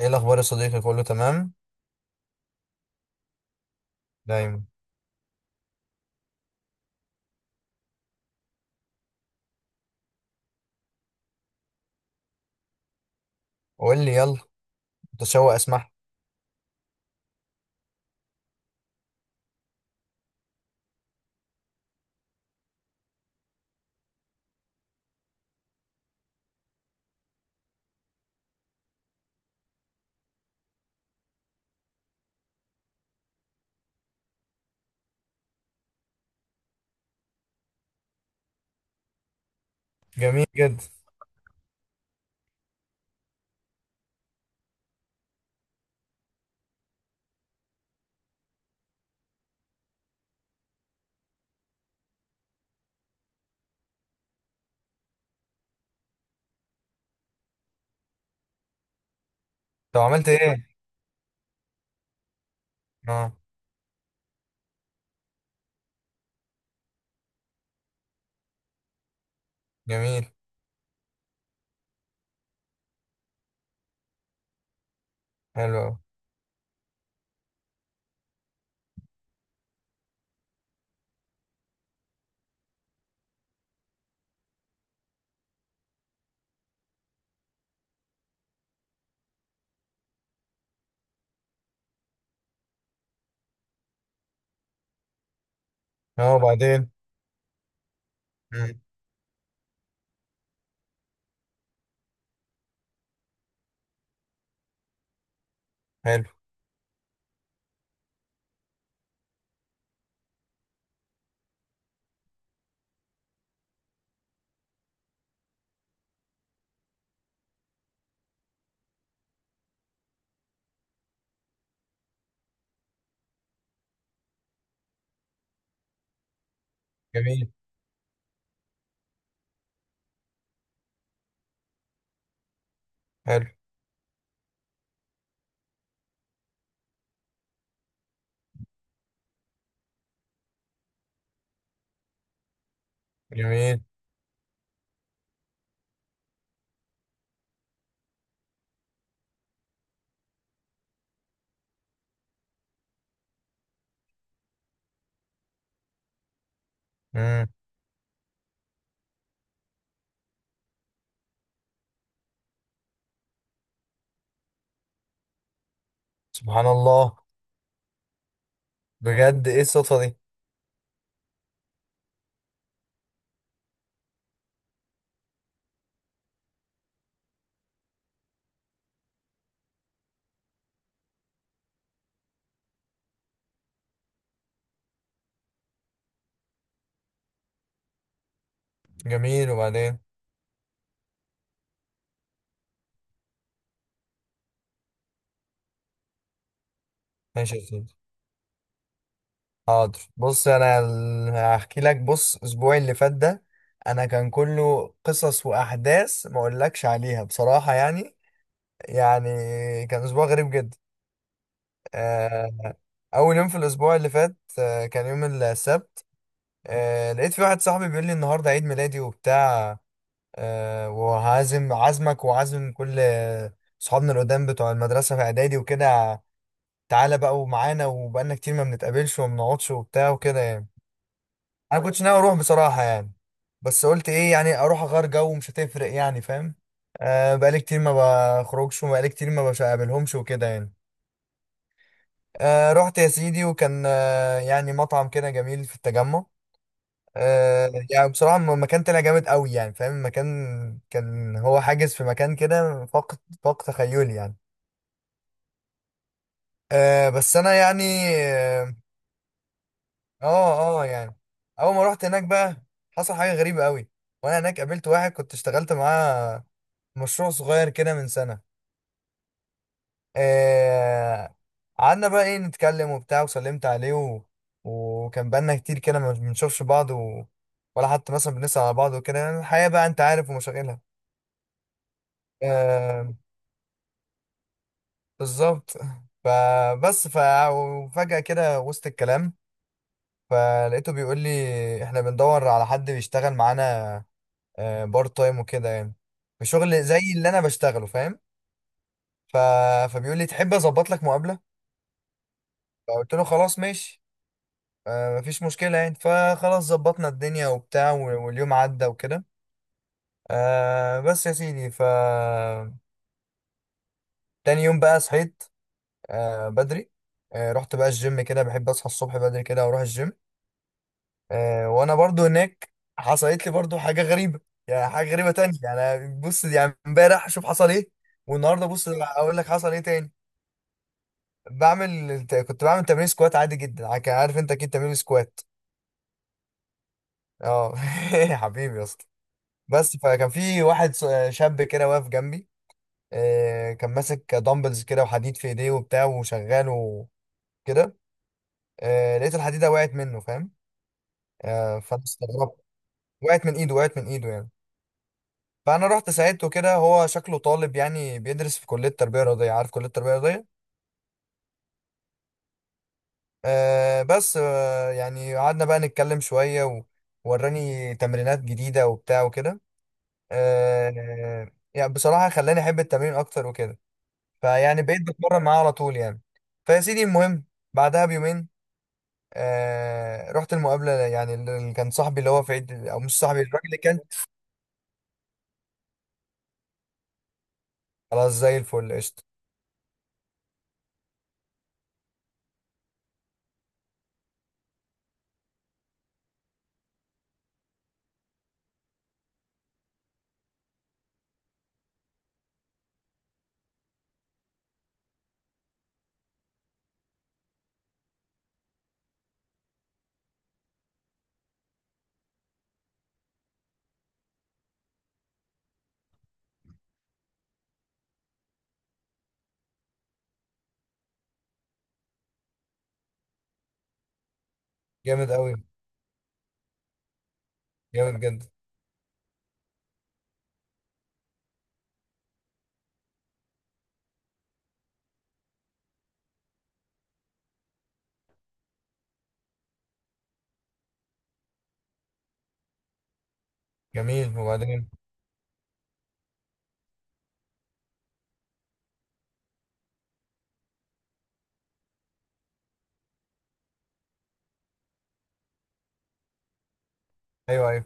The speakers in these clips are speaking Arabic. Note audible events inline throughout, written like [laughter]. ايه الاخبار يا صديقي، كله تمام؟ دايما. قول لي يلا. متشوق اسمع. جميل جدا. طب عملت ايه؟ اه. جميل. حلو أوي. اه، وبعدين؟ مم. حلو. جميل. حلو. جميل. مم. سبحان الله. بجد، ايه الصدفه دي؟ جميل، وبعدين؟ ماشي يا سيدي. حاضر، بص انا هحكي لك. بص اسبوعي اللي فات ده، انا كان كله قصص واحداث ما اقولكش عليها بصراحه، يعني، يعني كان اسبوع غريب جدا. آه، أول يوم في الأسبوع اللي فات كان يوم السبت. لقيت في واحد صاحبي بيقول لي النهاردة عيد ميلادي وبتاع، وهعزم عزمك وعزم كل صحابنا القدام بتوع المدرسة في إعدادي وكده. تعالى بقى ومعانا، وبقالنا كتير ما بنتقابلش وما بنقعدش وبتاع وكده، يعني. أنا كنتش ناوي أروح بصراحة، يعني. بس قلت إيه، يعني أروح أغير جو ومش هتفرق، يعني، فاهم. بقالي كتير ما بخرجش، وبقالي كتير ما بقابلهمش وكده، يعني. رحت يا سيدي، وكان يعني مطعم كده جميل في التجمع. يعني بصراحة المكان طلع جامد قوي، يعني، فاهم، المكان كان هو حاجز في مكان كده فوق، فوق، تخيلي يعني. بس أنا يعني، اه، اه. يعني أول ما رحت هناك بقى حصل حاجة غريبة قوي. وأنا هناك قابلت واحد كنت اشتغلت معاه مشروع صغير كده من سنة. آه قعدنا بقى ايه نتكلم وبتاع، وسلمت عليه، و... وكان بقالنا كتير كده ما بنشوفش بعض، و... ولا حتى مثلا بنسأل على بعض وكده، يعني الحياة بقى انت عارف ومشاغلها. آه بالظبط. [laughs] فبس. وفجأة كده وسط الكلام، فلقيته بيقول لي احنا بندور على حد بيشتغل معانا، بارت تايم وكده، يعني، في شغل زي اللي انا بشتغله، فاهم. ف... فبيقول لي تحب اظبط لك مقابلة؟ فقلت له خلاص ماشي. مفيش مشكلة، يعني فخلاص ظبطنا الدنيا وبتاع واليوم عدى وكده. بس يا سيدي، تاني يوم بقى صحيت، بدري. رحت بقى الجيم، كده بحب اصحى الصبح بدري كده واروح الجيم. وانا برضو هناك حصلت لي برضو حاجة غريبة، يعني حاجة غريبة تانية. يعني بص، يعني امبارح شوف حصل ايه، والنهارده بص اقول لك حصل ايه تاني. كنت بعمل تمرين سكوات عادي جدا، عارف انت اكيد تمرين سكوات. اه، [laughs] يا حبيبي يا اسطى. بس فكان في واحد شاب كده واقف جنبي. كان ماسك دمبلز كده وحديد في ايديه وبتاع وشغال وكده. لقيت الحديده وقعت منه، فاهم. فانا استغربت، وقعت من ايده، وقعت من ايده، يعني. فانا رحت ساعدته كده، هو شكله طالب يعني بيدرس في كليه تربيه رياضيه، عارف كليه تربيه رياضيه؟ بس يعني قعدنا بقى نتكلم شويه، ووراني تمرينات جديده وبتاع وكده. آه، يعني بصراحه خلاني احب التمرين اكتر وكده. فيعني بقيت بتمرن معاه على طول، يعني. فيا سيدي المهم، بعدها بيومين رحت المقابلة، يعني اللي كان صاحبي اللي هو في عيد، أو مش صاحبي، الراجل اللي كان، خلاص، زي الفل قشطة. جامد أوي، جامد جدا. جميل، وبعدين؟ أيوه، أيوه.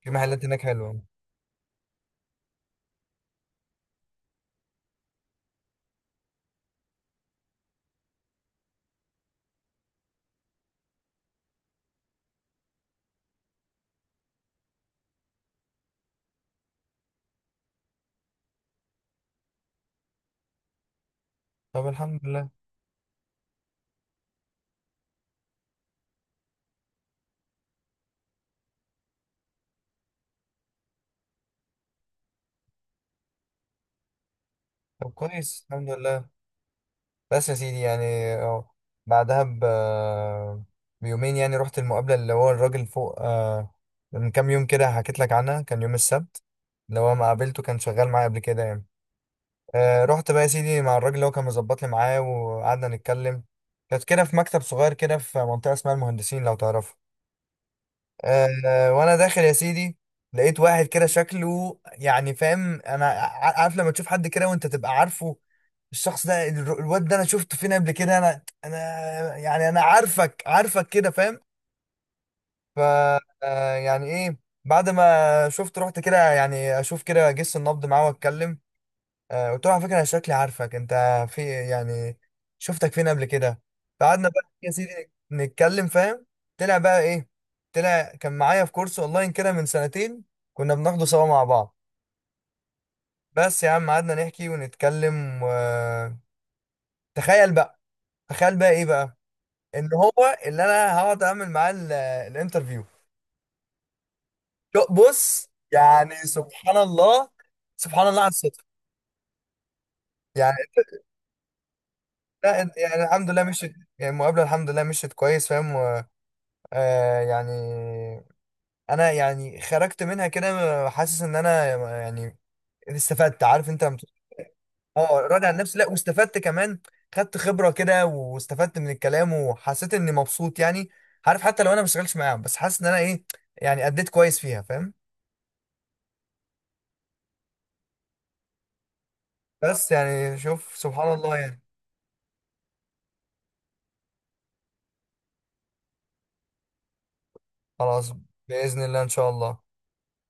في محلات هناك حلوة. طب الحمد لله. طب كويس، الحمد لله. بس يا سيدي، يعني، أهو. بعدها بيومين، يعني رحت المقابلة اللي هو الراجل فوق، من كام يوم كده حكيت لك عنها، كان يوم السبت، اللي هو ما قابلته، كان شغال معايا قبل كده، يعني. رحت بقى يا سيدي مع الراجل اللي هو كان مظبط لي معاه، وقعدنا نتكلم. كانت كده في مكتب صغير كده، في منطقة اسمها المهندسين، لو تعرفها. وانا داخل يا سيدي، لقيت واحد كده شكله، يعني، فاهم، انا عارف لما تشوف حد كده وانت تبقى عارفه الشخص ده، الواد ده انا شفته فين قبل كده، انا يعني انا عارفك عارفك كده، فاهم. ف يعني ايه، بعد ما شفت رحت كده، يعني اشوف كده جس النبض معاه واتكلم. قلت له على فكره، انا شكلي عارفك انت، في يعني شفتك فين قبل كده؟ فقعدنا بقى يا سيدي نتكلم، فاهم. طلع بقى ايه؟ طلع كان معايا في كورس اونلاين كده من سنتين، كنا بناخده سوا مع بعض. بس يا عم قعدنا نحكي ونتكلم، تخيل بقى، تخيل بقى ايه بقى، ان هو اللي انا هقعد اعمل معاه الانترفيو. بص يعني سبحان الله، سبحان الله على الصدفه. يعني لا، يعني الحمد لله مشيت، يعني المقابله الحمد لله مشيت كويس، فاهم. يعني انا، يعني، خرجت منها كده حاسس ان انا، يعني، استفدت. عارف انت لما تبقى- اه، راضي عن نفسي، لا واستفدت كمان، خدت خبرة كده، واستفدت من الكلام، وحسيت اني مبسوط، يعني. عارف حتى لو انا ما بشتغلش معاهم، بس حاسس ان انا ايه، يعني اديت كويس فيها، فاهم. بس يعني شوف، سبحان الله، يعني خلاص، بإذن الله ان شاء الله.